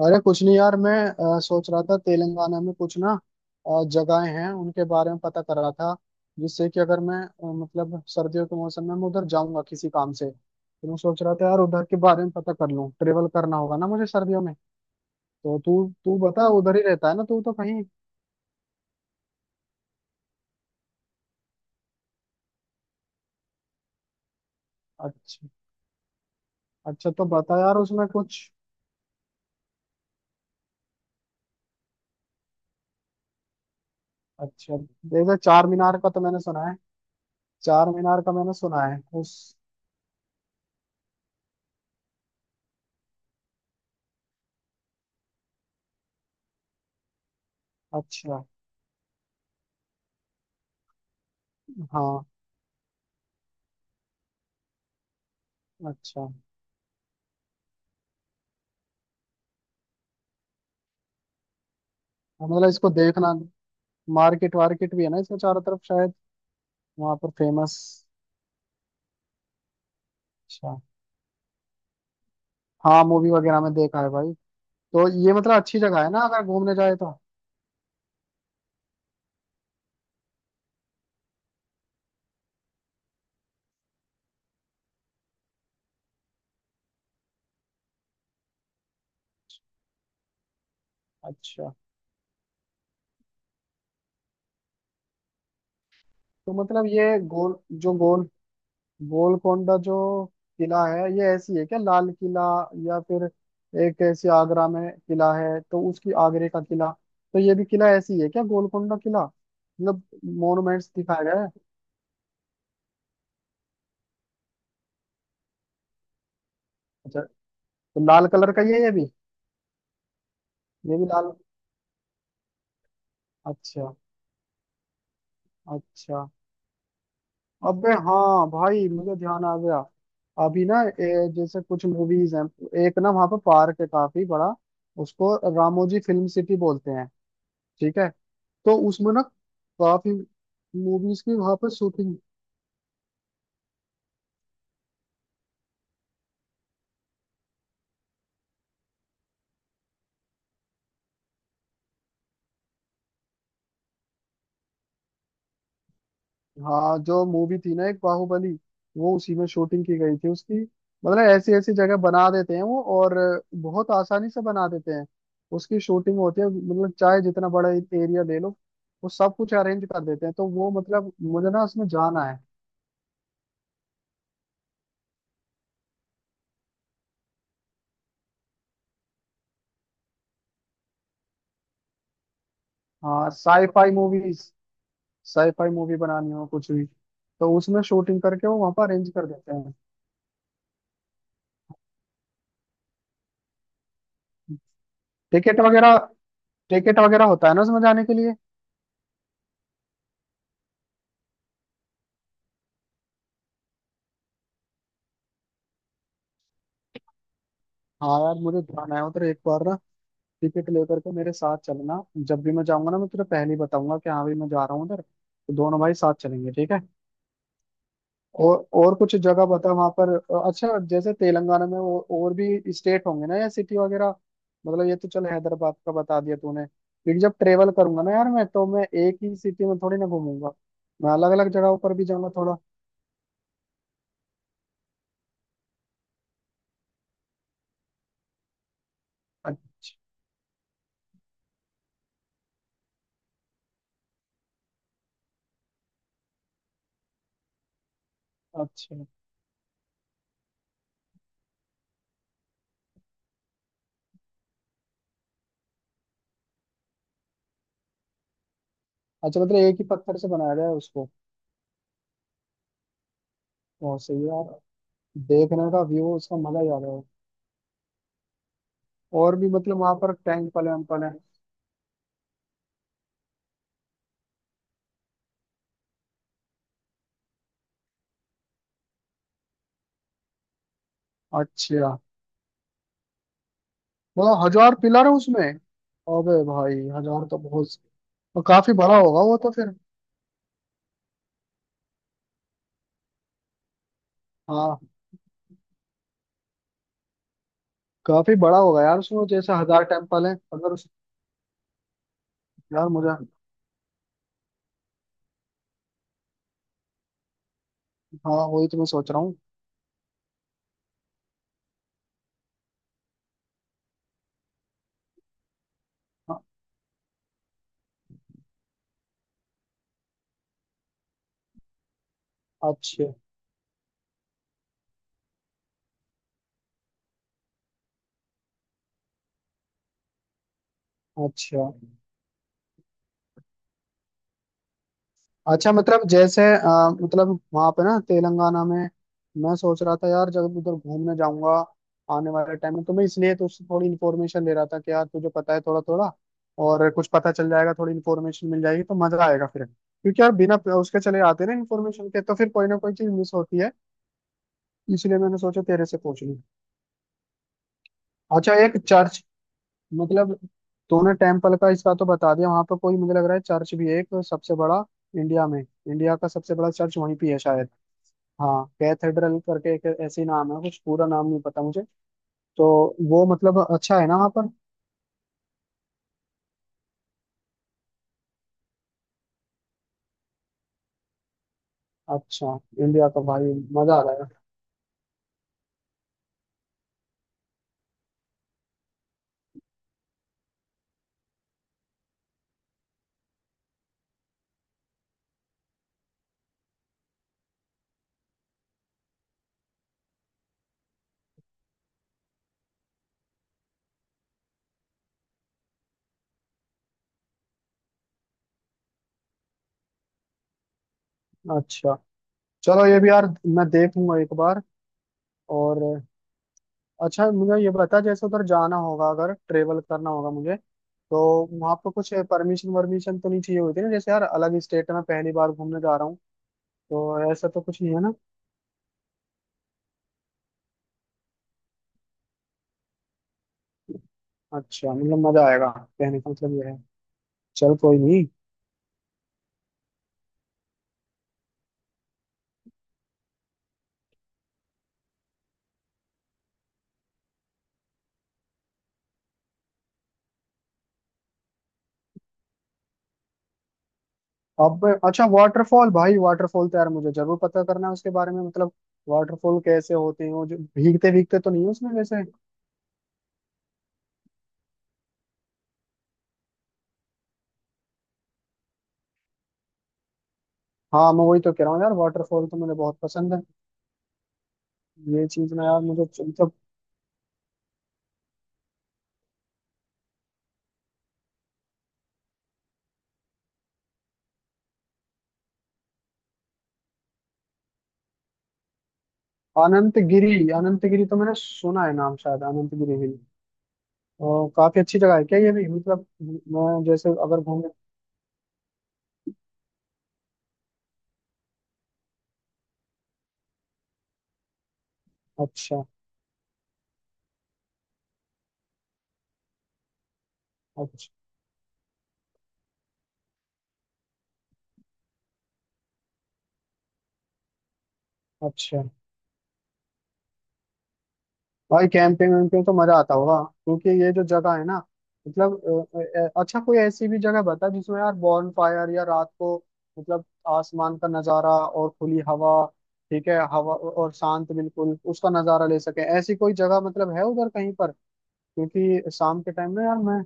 अरे कुछ नहीं यार मैं सोच रहा था तेलंगाना में कुछ ना जगहें हैं उनके बारे में पता कर रहा था जिससे कि अगर मैं मतलब सर्दियों के मौसम में मैं उधर जाऊंगा किसी काम से, तो मैं सोच रहा था यार उधर के बारे में पता कर लूं। ट्रेवल करना होगा ना मुझे सर्दियों में। तो तू तू बता, उधर ही रहता है ना तू तो कहीं। अच्छा, अच्छा तो बता यार उसमें कुछ। अच्छा, जैसे चार मीनार का तो मैंने सुना है। चार मीनार का मैंने सुना है उस। अच्छा। हाँ। अच्छा मतलब इसको देखना। मार्केट वार्केट भी है ना इसमें चारों तरफ शायद। वहां पर फेमस। अच्छा। हाँ, मूवी वगैरह में देखा है भाई। तो ये मतलब अच्छी जगह है ना अगर घूमने जाए तो। अच्छा, तो मतलब ये गोल जो गोल गोलकोंडा जो किला है, ये ऐसी है क्या लाल किला या फिर एक ऐसी आगरा में किला है तो उसकी आगरे का किला, तो ये भी किला ऐसी है क्या गोलकोंडा किला मतलब मोनुमेंट्स दिखाया गया है। अच्छा, तो लाल कलर का ये भी, ये भी लाल। अच्छा। अच्छा, अबे हाँ भाई मुझे ध्यान आ गया। अभी ना जैसे कुछ मूवीज हैं। एक ना वहाँ पे पार्क है काफी बड़ा, उसको रामोजी फिल्म सिटी बोलते हैं। ठीक है, तो उसमें ना काफी मूवीज की वहाँ पे शूटिंग। हाँ, जो मूवी थी ना एक बाहुबली, वो उसी में शूटिंग की गई थी उसकी। मतलब ऐसी ऐसी जगह बना देते हैं वो, और बहुत आसानी से बना देते हैं। उसकी शूटिंग होती है मतलब चाहे जितना बड़ा एरिया ले लो, वो सब कुछ अरेंज कर देते हैं। तो वो मतलब मुझे ना उसमें जाना है। हाँ, साईफाई मूवीज, साईफाई मूवी बनानी हो कुछ भी तो उसमें शूटिंग करके वो वहां पर अरेंज कर देते हैं। टिकट वगैरह, टिकट वगैरह होता है ना उसमें जाने के लिए। हाँ यार, मुझे जाना है उधर एक बार ना। टिकट लेकर के मेरे साथ चलना, जब भी मैं जाऊंगा ना मैं तुझे पहले ही बताऊंगा कि हाँ भाई मैं जा रहा हूँ उधर, तो दोनों भाई साथ चलेंगे। ठीक है। और कुछ जगह बता वहां पर। अच्छा जैसे तेलंगाना में और भी स्टेट होंगे ना या सिटी वगैरह। मतलब ये तो चल हैदराबाद का बता दिया तूने, क्योंकि जब ट्रेवल करूंगा ना यार मैं, तो मैं एक ही सिटी में थोड़ी ना घूमूंगा, मैं अलग अलग जगहों पर भी जाऊंगा थोड़ा। अच्छा। अच्छा। अच्छा मतलब एक ही पत्थर से बनाया गया है उसको। बहुत सही है यार, देखने का व्यू उसका मजा ही आ रहा है। और भी मतलब वहां पर टैंक पले हैं। अच्छा मतलब हजार पिलर है उसमें। अबे भाई हजार तो बहुत, और काफी बड़ा होगा वो तो फिर। हाँ, काफी बड़ा होगा यार उसमें, जैसे हजार टेम्पल है अगर उस। यार मुझे, हाँ वही तो मैं सोच रहा हूँ। हाँ। अच्छा। अच्छा। अच्छा मतलब जैसे मतलब वहां पे ना तेलंगाना में, मैं सोच रहा था यार जब उधर घूमने जाऊंगा आने वाले टाइम में, तो मैं इसलिए तो उससे थोड़ी इन्फॉर्मेशन ले रहा था कि यार तुझे पता है थोड़ा थोड़ा, और कुछ पता चल जाएगा थोड़ी इन्फॉर्मेशन मिल जाएगी तो मजा आएगा फिर, क्योंकि यार बिना उसके चले आते ना इन्फॉर्मेशन के, तो फिर कोई ना कोई चीज मिस होती है, इसलिए मैंने सोचा तेरे से पूछ लूं। अच्छा, एक चर्च मतलब, तूने टेम्पल का इसका तो बता दिया, वहां पर कोई मुझे लग रहा है चर्च भी है एक सबसे बड़ा, इंडिया में इंडिया का सबसे बड़ा चर्च वहीं पे है शायद। हाँ कैथेड्रल करके एक ऐसी नाम है कुछ, पूरा नाम नहीं पता मुझे। तो वो मतलब अच्छा है ना वहाँ पर। अच्छा, इंडिया का भाई, मजा आ रहा है। अच्छा, चलो ये भी यार मैं देखूंगा एक बार। और अच्छा मुझे ये बता, जैसे उधर जाना होगा अगर ट्रेवल करना होगा मुझे, तो वहाँ पर कुछ परमिशन वर्मिशन तो नहीं चाहिए होती ना, जैसे यार अलग स्टेट में पहली बार घूमने जा रहा हूँ, तो ऐसा तो कुछ नहीं है ना। अच्छा मतलब मजा आएगा, कहने का मतलब ये है। चल कोई नहीं। अब अच्छा वाटरफॉल भाई, वाटरफॉल तो यार मुझे जरूर पता करना है उसके बारे में, मतलब वाटरफॉल कैसे होते हैं, वो जो भीगते भीगते तो नहीं है उसमें वैसे। हाँ, मैं वही तो कह रहा हूँ यार, वाटरफॉल तो मुझे बहुत पसंद है। ये चीज ना यार मुझे मतलब अनंतगिरी, अनंतगिरी तो मैंने सुना है नाम शायद, अनंतगिरी हिल। और काफी अच्छी जगह है क्या ये भी मतलब, मैं जैसे अगर घूमने। अच्छा। अच्छा। अच्छा भाई कैंपिंग वैम्पिंग तो मजा आता होगा, क्योंकि ये जो जगह है ना मतलब। अच्छा कोई ऐसी भी जगह बता जिसमें यार बॉन फायर, या रात को मतलब आसमान का नजारा और खुली हवा, ठीक है हवा और शांत बिल्कुल उसका नजारा ले सके, ऐसी कोई जगह मतलब है उधर कहीं पर, क्योंकि शाम के टाइम में यार मैं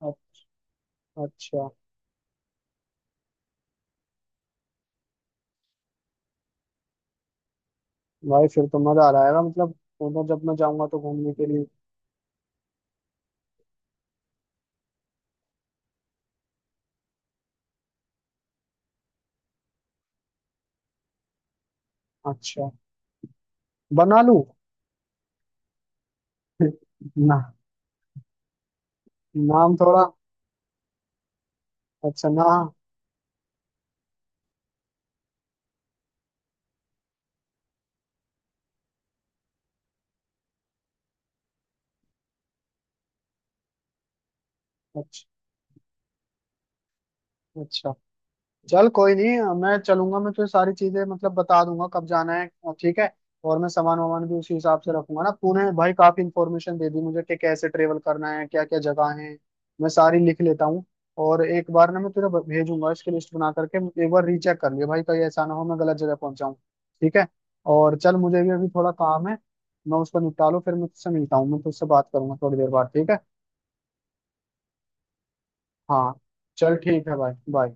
अ- अच्छा भाई फिर तो मजा आ जाएगा मतलब, उधर जब मैं जाऊंगा तो घूमने के लिए। अच्छा, बना लूं। ना, नाम थोड़ा। अच्छा ना। अच्छा। अच्छा चल कोई नहीं मैं चलूंगा, मैं तुझे सारी चीजें मतलब बता दूंगा कब जाना है और, ठीक है। और मैं सामान वामान भी उसी हिसाब से रखूंगा ना। तूने भाई काफी इंफॉर्मेशन दे दी मुझे कि कैसे ट्रेवल करना है, क्या क्या जगह है। मैं सारी लिख लेता हूँ, और एक बार ना मैं तुझे भेजूंगा इसकी लिस्ट बना करके। एक बार रीचेक कर लियो भाई, कहीं ऐसा ना हो मैं गलत जगह पहुंच जाऊँ। ठीक है। और चल मुझे भी अभी थोड़ा काम है, मैं उसको निपटा लूँ फिर मैं तुझसे मिलता हूँ, मैं तुझसे बात करूंगा थोड़ी देर बाद। ठीक है। हाँ चल ठीक है भाई बाय।